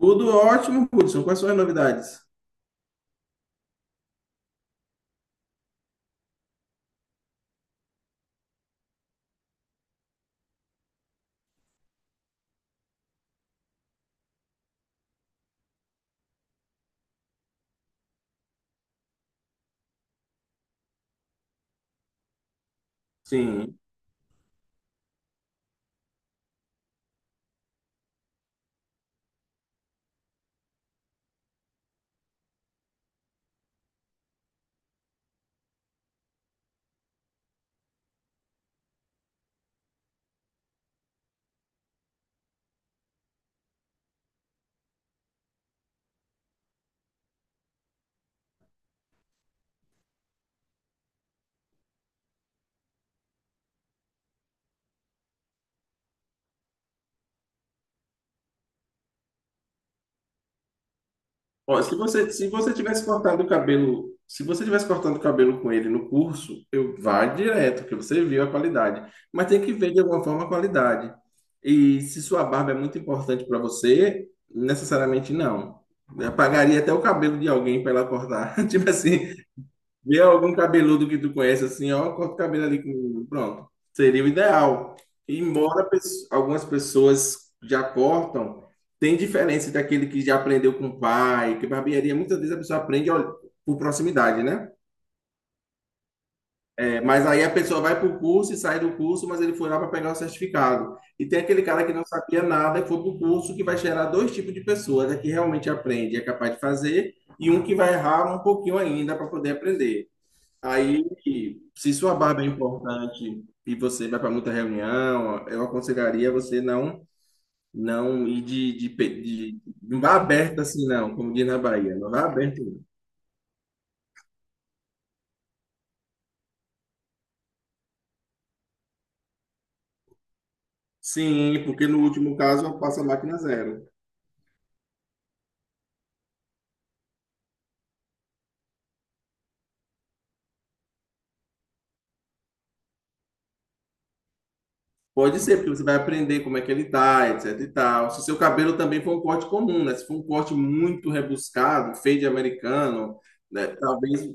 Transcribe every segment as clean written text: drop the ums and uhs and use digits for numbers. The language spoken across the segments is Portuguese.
Tudo ótimo, Hudson. Quais são as novidades? Sim. Ó, se você, se você tivesse cortado o cabelo, se você tivesse cortando o cabelo com ele no curso, eu vá direto, porque você viu a qualidade. Mas tem que ver de alguma forma a qualidade. E se sua barba é muito importante para você, necessariamente não. Eu pagaria até o cabelo de alguém para ela cortar. Tipo assim, vê algum cabeludo que tu conhece assim, ó, corta o cabelo ali comigo. Pronto. Seria o ideal. Embora algumas pessoas já cortam, tem diferença daquele que já aprendeu com o pai, que barbearia, muitas vezes a pessoa aprende, ó, por proximidade, né? É, mas aí a pessoa vai para o curso e sai do curso, mas ele foi lá para pegar o certificado. E tem aquele cara que não sabia nada e foi para o curso, que vai gerar dois tipos de pessoas: é que realmente aprende e é capaz de fazer, e um que vai errar um pouquinho ainda para poder aprender. Aí, se sua barba é importante e você vai para muita reunião, eu aconselharia você não ir não vá aberto assim não, como diz na Bahia, não vá aberto. Não. Sim, porque no último caso passa a máquina zero. Pode ser, porque você vai aprender como é que ele tá, etc e tal. Se seu cabelo também for um corte comum, né? Se for um corte muito rebuscado, feio de americano, né? Talvez.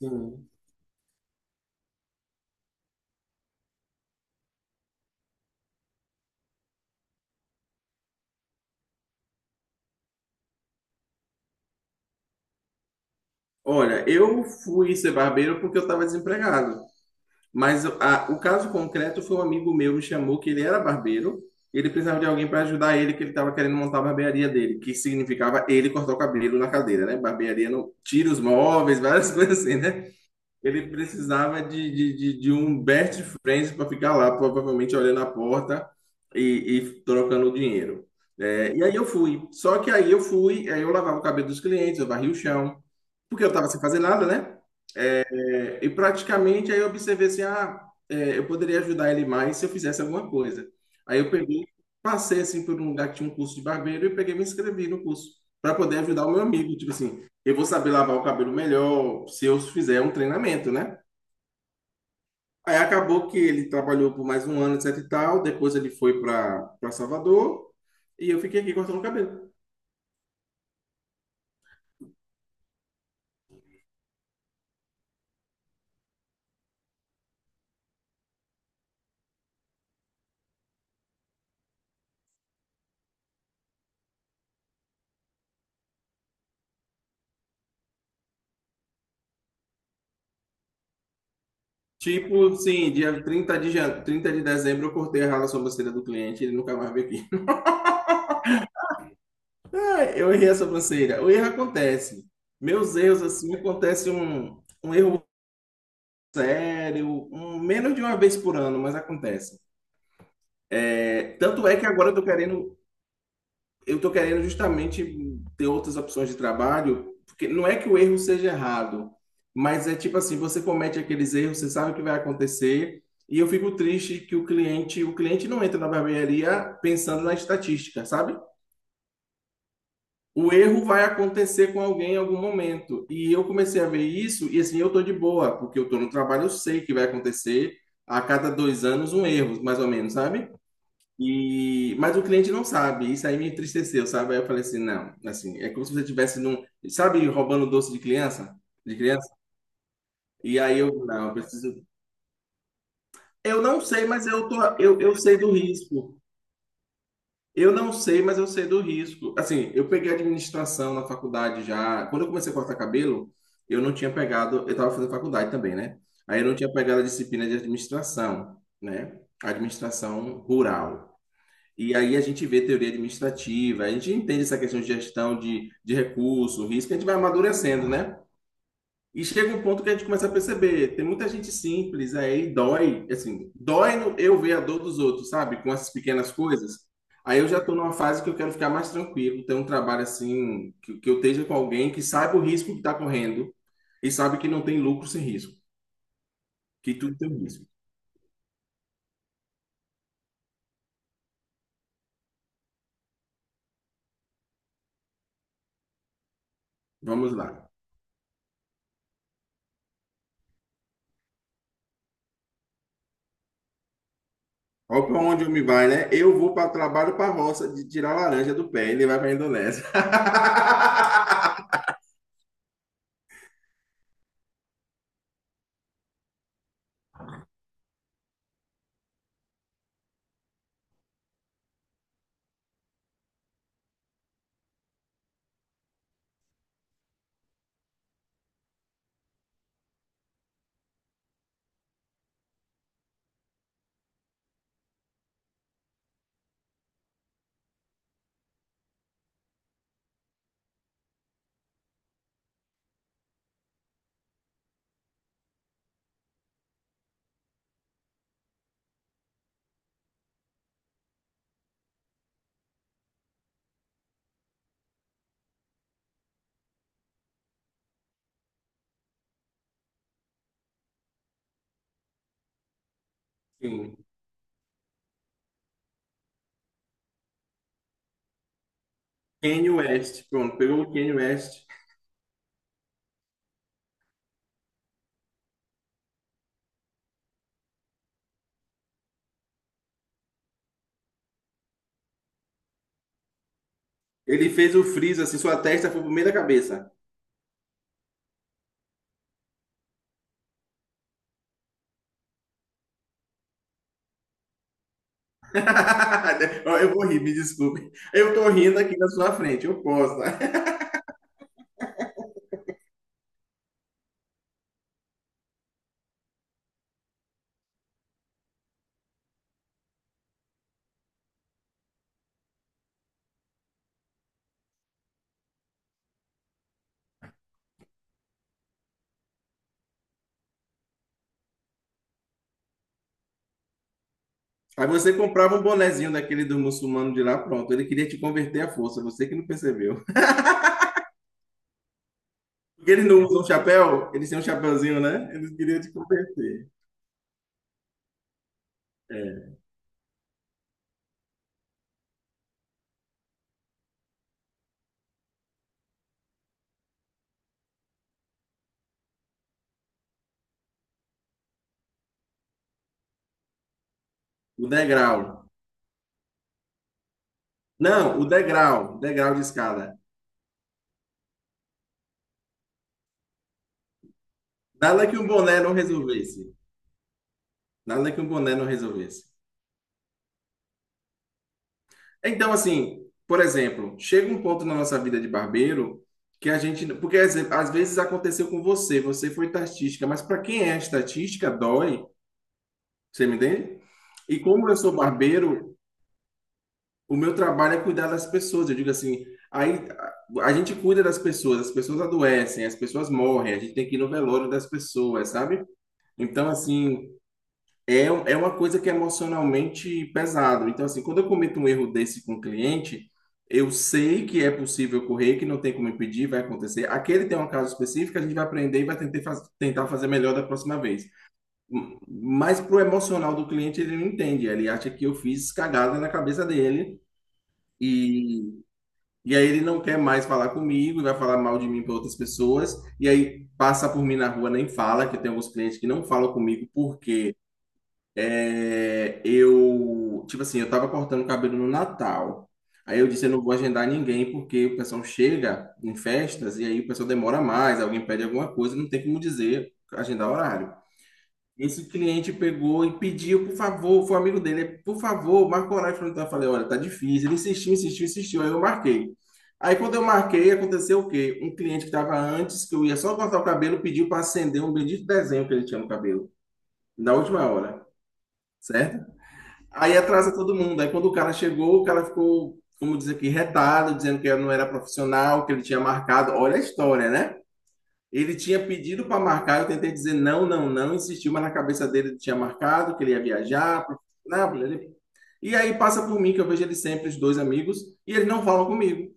Sim. Olha, eu fui ser barbeiro porque eu estava desempregado. Mas o caso concreto foi um amigo meu me chamou, que ele era barbeiro, ele precisava de alguém para ajudar ele, que ele estava querendo montar a barbearia dele, que significava ele cortar o cabelo na cadeira, né? Barbearia não tira os móveis, várias coisas assim, né? Ele precisava de um best friend para ficar lá, provavelmente olhando a porta e trocando o dinheiro. É, e aí eu fui. Só que aí eu fui, aí eu lavava o cabelo dos clientes, eu varria o chão, porque eu estava sem fazer nada, né? É, e praticamente aí eu observei assim, ah, é, eu poderia ajudar ele mais se eu fizesse alguma coisa. Aí eu peguei, passei assim por um lugar que tinha um curso de barbeiro e peguei e me inscrevi no curso para poder ajudar o meu amigo. Tipo assim, eu vou saber lavar o cabelo melhor se eu fizer um treinamento, né? Aí acabou que ele trabalhou por mais um ano, etc e tal. Depois ele foi para Salvador e eu fiquei aqui cortando o cabelo. Tipo, sim, dia 30 de dezembro eu cortei a rala sobrancelha do cliente, ele nunca mais veio aqui. Eu errei a sobrancelha. O erro acontece. Meus erros, assim, acontece um erro sério, um, menos de uma vez por ano, mas acontece. É, tanto é que agora eu tô querendo justamente ter outras opções de trabalho, porque não é que o erro seja errado, mas é tipo assim, você comete aqueles erros, você sabe o que vai acontecer, e eu fico triste que o cliente não entra na barbearia pensando na estatística, sabe? O erro vai acontecer com alguém em algum momento. E eu comecei a ver isso, e assim, eu tô de boa, porque eu tô no trabalho, eu sei que vai acontecer a cada dois anos um erro, mais ou menos, sabe? E, mas o cliente não sabe, isso aí me entristeceu, sabe? Aí eu falei assim, não, assim, é como se você tivesse num, sabe, roubando doce de criança, de criança? E aí eu, não, eu preciso, eu não sei, mas eu sei do risco. Eu não sei, mas eu sei do risco. Assim, eu peguei administração na faculdade já. Quando eu comecei a cortar cabelo, eu não tinha pegado. Eu estava fazendo faculdade também, né? Aí eu não tinha pegado a disciplina de administração, né? Administração rural. E aí a gente vê teoria administrativa, a gente entende essa questão de gestão de recurso, risco, a gente vai amadurecendo, né? E chega um ponto que a gente começa a perceber, tem muita gente simples aí, dói, assim, dói no eu ver a dor dos outros, sabe? Com essas pequenas coisas. Aí eu já estou numa fase que eu quero ficar mais tranquilo, ter um trabalho assim, que eu esteja com alguém que saiba o risco que está correndo e sabe que não tem lucro sem risco, que tudo tem um risco. Vamos lá. Olha para onde eu me vai, né? Eu vou para trabalho para roça de tirar laranja do pé, ele vai para a Indonésia. Sim. Kanye West, pronto, pegou o Kanye West. Ele fez o freeze assim, sua testa foi pro meio da cabeça. Ó, eu vou rir, me desculpe. Eu tô rindo aqui na sua frente, eu posso, tá? Aí você comprava um bonezinho daquele do muçulmano de lá, pronto. Ele queria te converter à força, você que não percebeu. Porque eles não usam chapéu, eles têm um chapéuzinho, né? Eles queriam te converter. É. O degrau. Não, o degrau, degrau de escada. Nada que um boné não resolvesse. Nada que um boné não resolvesse. Então, assim, por exemplo, chega um ponto na nossa vida de barbeiro que a gente. Porque às vezes aconteceu com você, você foi estatística, mas para quem é estatística, dói, você me entende? E como eu sou barbeiro, o meu trabalho é cuidar das pessoas. Eu digo assim, aí a a gente cuida das pessoas, as pessoas adoecem, as pessoas morrem, a gente tem que ir no velório das pessoas, sabe? Então, assim, é, é uma coisa que é emocionalmente pesado. Então, assim, quando eu cometo um erro desse com o cliente, eu sei que é possível ocorrer, que não tem como impedir, vai acontecer. Aquele tem um caso específico, a gente vai aprender e vai tentar, tentar fazer melhor da próxima vez. Mas pro emocional do cliente, ele não entende. Ele acha que eu fiz cagada na cabeça dele e, aí ele não quer mais falar comigo, e vai falar mal de mim para outras pessoas. E aí passa por mim na rua, nem fala, que tem alguns clientes que não falam comigo porque é, eu, tipo assim, eu tava cortando o cabelo no Natal. Aí eu disse, eu não vou agendar ninguém, porque o pessoal chega em festas e aí o pessoal demora mais, alguém pede alguma coisa, não tem como dizer, agendar horário. Esse cliente pegou e pediu, por favor, foi um amigo dele, por favor, marca o horário pra mim. Então eu falei, olha, tá difícil. Ele insistiu, insistiu, insistiu, aí eu marquei. Aí quando eu marquei, aconteceu o quê? Um cliente que tava antes, que eu ia só cortar o cabelo, pediu para acender um bendito desenho que ele tinha no cabelo, na última hora, certo? Aí atrasa todo mundo. Aí quando o cara chegou, o cara ficou, como diz aqui, retado, dizendo que não era profissional, que ele tinha marcado. Olha a história, né? Ele tinha pedido para marcar, eu tentei dizer não, não, não, insistiu, mas na cabeça dele ele tinha marcado, que ele ia viajar. Pra... Não, ele... E aí passa por mim, que eu vejo ele sempre, os dois amigos, e eles não falam comigo.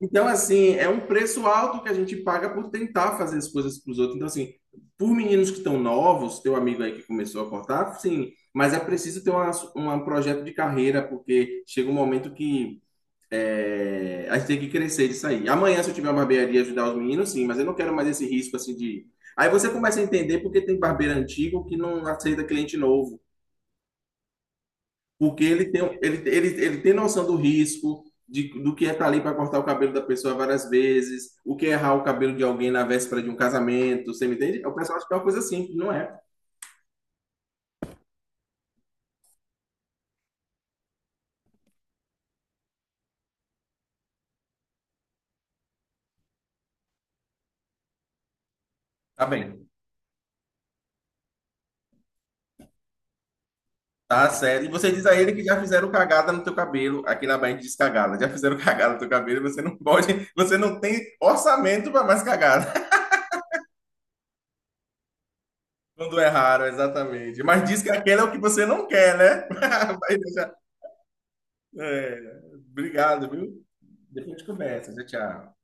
Então, assim, é um preço alto que a gente paga por tentar fazer as coisas para os outros. Então, assim, por meninos que estão novos, teu amigo aí que começou a cortar, sim, mas é preciso ter uma, um projeto de carreira, porque chega um momento que é, a gente tem que crescer disso aí. Amanhã, se eu tiver uma barbearia ajudar os meninos, sim, mas eu não quero mais esse risco, assim, de... Aí você começa a entender porque tem barbeiro antigo que não aceita cliente novo. Porque ele tem, ele tem noção do risco, do que é estar ali para cortar o cabelo da pessoa várias vezes, o que é errar o cabelo de alguém na véspera de um casamento, você me entende? O pessoal acha que é uma coisa simples, não é? Tá bem, tá sério. E você diz a ele que já fizeram cagada no teu cabelo, aqui na Bahia a gente diz cagada, já fizeram cagada no teu cabelo, você não pode, você não tem orçamento para mais cagada. Quando erraram, exatamente. Mas diz que aquele é o que você não quer, né? Vai deixar- é, obrigado, viu? Depois a gente conversa. Tchau, tchau.